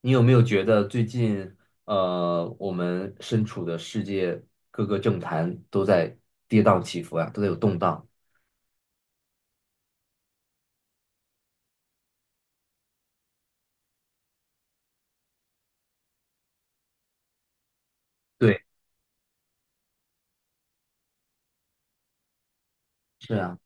你有没有觉得最近，我们身处的世界各个政坛都在跌宕起伏啊，都在有动荡？对，是啊，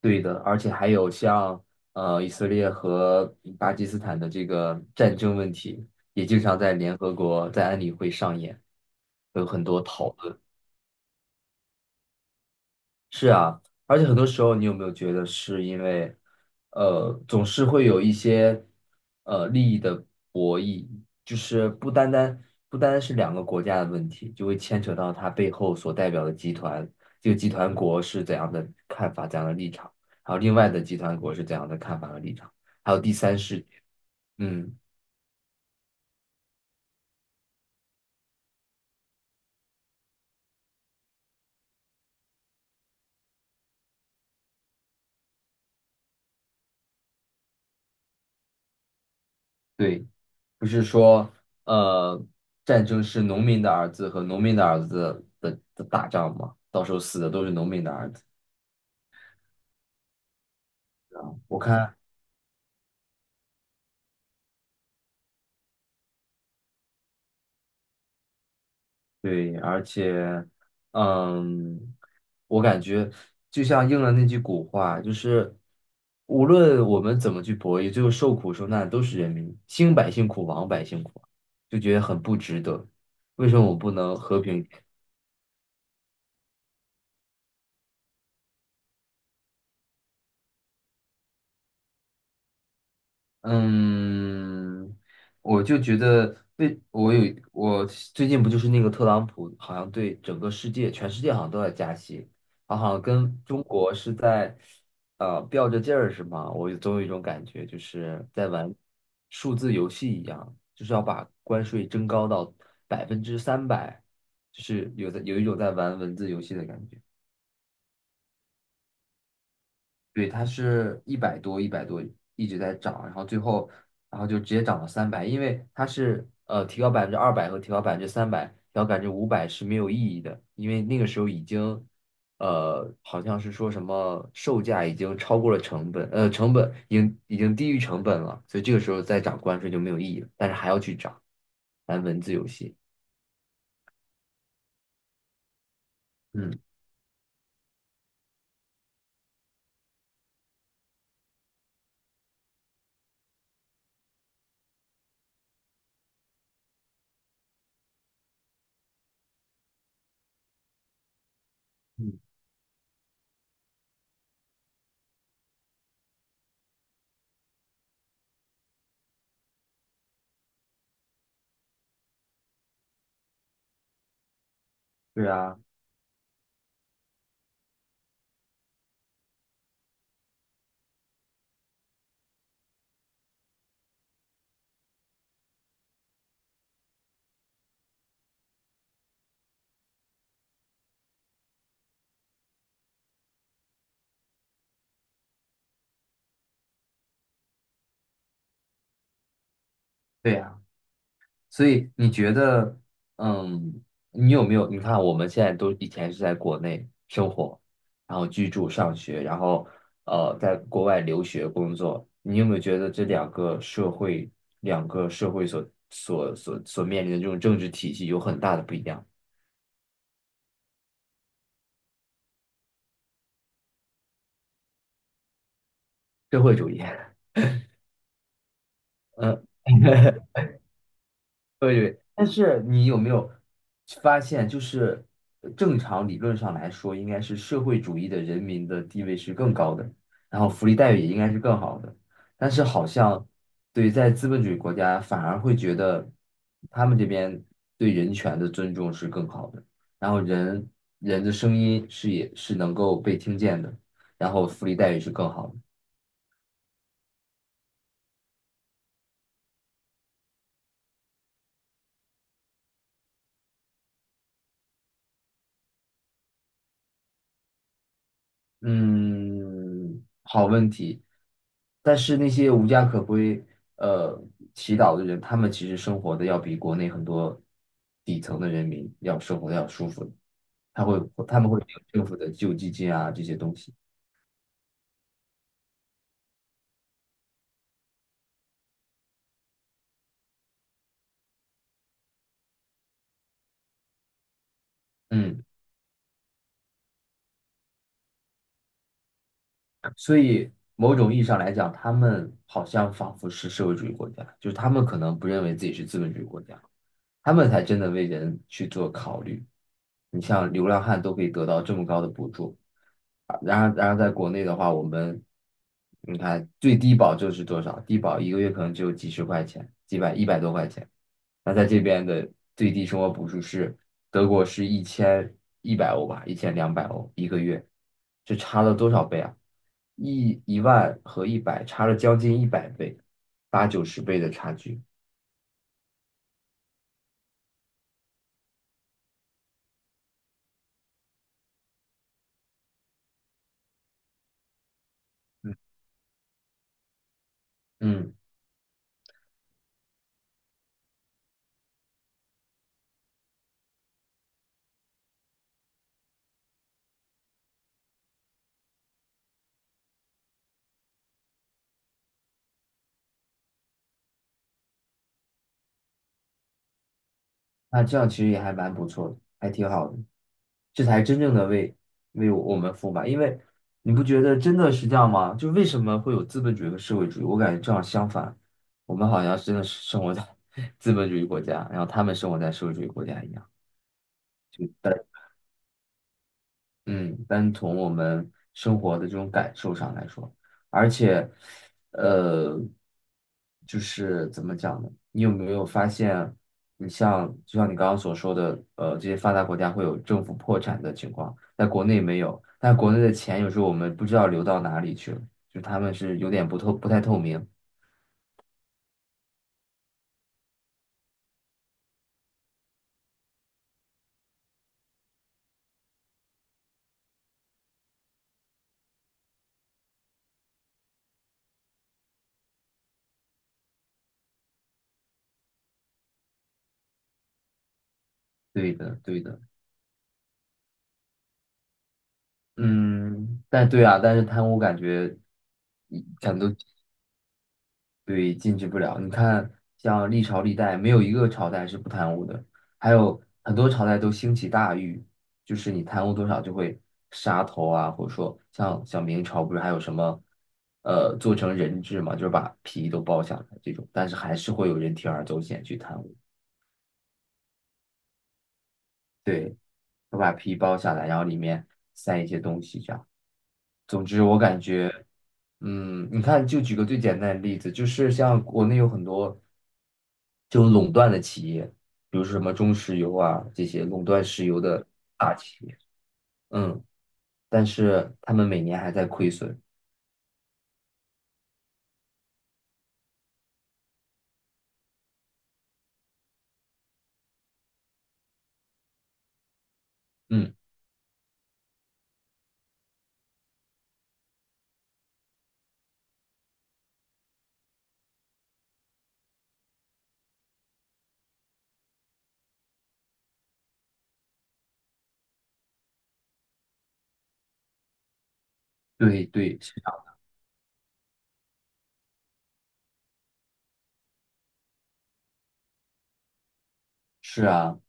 对的，而且还有像以色列和巴基斯坦的这个战争问题，也经常在联合国在安理会上演，有很多讨论。是啊，而且很多时候，你有没有觉得是因为，总是会有一些利益的博弈，就是不单单是两个国家的问题，就会牵扯到它背后所代表的集团，这个集团国是怎样的看法、怎样的立场，还有另外的集团国是怎样的看法和立场，还有第三世界，嗯，对。不是说，呃，战争是农民的儿子和农民的儿子的打仗吗？到时候死的都是农民的儿子啊，我看，对，而且，嗯，我感觉就像应了那句古话，就是无论我们怎么去博弈，最后受苦受难的都是人民，兴百姓苦，亡百姓苦，就觉得很不值得。为什么我们不能和平？嗯，我就觉得被我有我最近不就是那个特朗普，好像对整个世界、全世界好像都在加息，他好像跟中国是在吊着劲儿是吗？总有一种感觉，就是在玩数字游戏一样，就是要把关税增高到百分之三百，有一种在玩文字游戏的感觉。对，它是一百多，一百多一直在涨，然后最后，然后就直接涨到三百，因为它是提高200%和提高百分之三百，提高500%是没有意义的，因为那个时候已经，好像是说什么售价已经超过了成本，成本已经低于成本了，所以这个时候再涨关税就没有意义了，但是还要去涨，玩文字游戏，嗯，嗯，对啊，对啊。所以你觉得，嗯，你有没有？你看，我们现在都以前是在国内生活，然后居住、上学，然后在国外留学、工作，你有没有觉得这两个社会、两个社会所面临的这种政治体系有很大的不一样？社会主义，嗯，对对，但是你有没有发现，就是正常理论上来说，应该是社会主义的人民的地位是更高的，然后福利待遇也应该是更好的。但是好像对在资本主义国家，反而会觉得他们这边对人权的尊重是更好的，然后人人的声音是也是能够被听见的，然后福利待遇是更好的。嗯，好问题。但是那些无家可归、呃祈祷的人，他们其实生活的要比国内很多底层的人民要生活的要舒服，他会他们会有政府的救济金啊这些东西，嗯，所以某种意义上来讲，他们好像仿佛是社会主义国家，就是他们可能不认为自己是资本主义国家，他们才真的为人去做考虑。你像流浪汉都可以得到这么高的补助，啊然而在国内的话，我们你看最低保就是多少？低保一个月可能只有几十块钱，几百一百多块钱。那在这边的最低生活补助是德国是1100欧吧，1200欧1个月，这差了多少倍啊？1万和一百差了将近100倍，89十倍的差距。嗯，嗯。那这样其实也还蛮不错的，还挺好的，这才真正的为我们服务吧。因为你不觉得真的是这样吗？就为什么会有资本主义和社会主义？我感觉正好相反，我们好像真的是生活在 资本主义国家，然后他们生活在社会主义国家一样。嗯，单从我们生活的这种感受上来说，而且，呃，就是怎么讲呢？你有没有发现，你像就像你刚刚所说的，这些发达国家会有政府破产的情况，在国内没有，但国内的钱有时候我们不知道流到哪里去了，就他们是有点不太透明。对的，对的，嗯，但对啊，但是贪污感觉，感都对，禁止不了。你看，像历朝历代，没有一个朝代是不贪污的，还有很多朝代都兴起大狱，就是你贪污多少就会杀头啊，或者说像明朝不是还有什么，做成人质嘛，就是把皮都剥下来这种，但是还是会有人铤而走险去贪污，对，会把皮剥下来，然后里面塞一些东西这样。总之，我感觉。嗯，你看，就举个最简单的例子，就是像国内有很多就垄断的企业，比如说什么中石油啊这些垄断石油的大企业，嗯，但是他们每年还在亏损，嗯，对对，是啊是啊，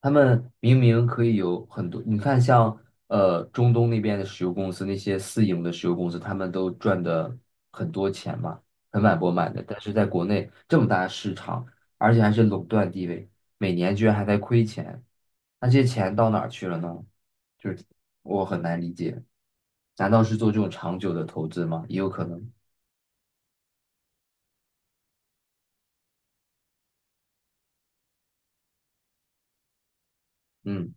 他们明明可以有很多，你看像中东那边的石油公司，那些私营的石油公司，他们都赚的很多钱嘛，盆满钵满的。但是在国内这么大的市场，而且还是垄断地位，每年居然还在亏钱，那这些钱到哪儿去了呢？就是我很难理解，难道是做这种长久的投资吗？也有可能，嗯。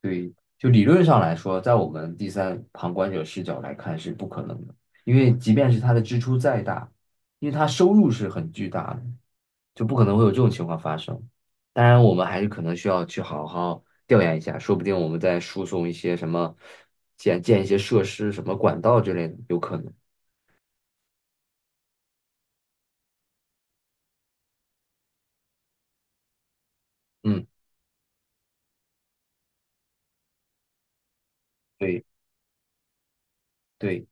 对，就理论上来说，在我们第三旁观者视角来看是不可能的，因为即便是他的支出再大，因为他收入是很巨大的，就不可能会有这种情况发生。当然，我们还是可能需要去好好调研一下，说不定我们再输送一些什么建一些设施、什么管道之类的，有可能。嗯，对对，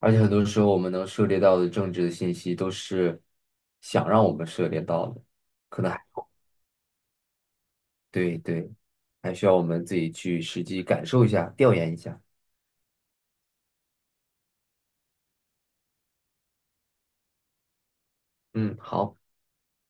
而且很多时候我们能涉猎到的政治的信息都是想让我们涉猎到的，可能还。对对，还需要我们自己去实际感受一下，调研一下。嗯，好。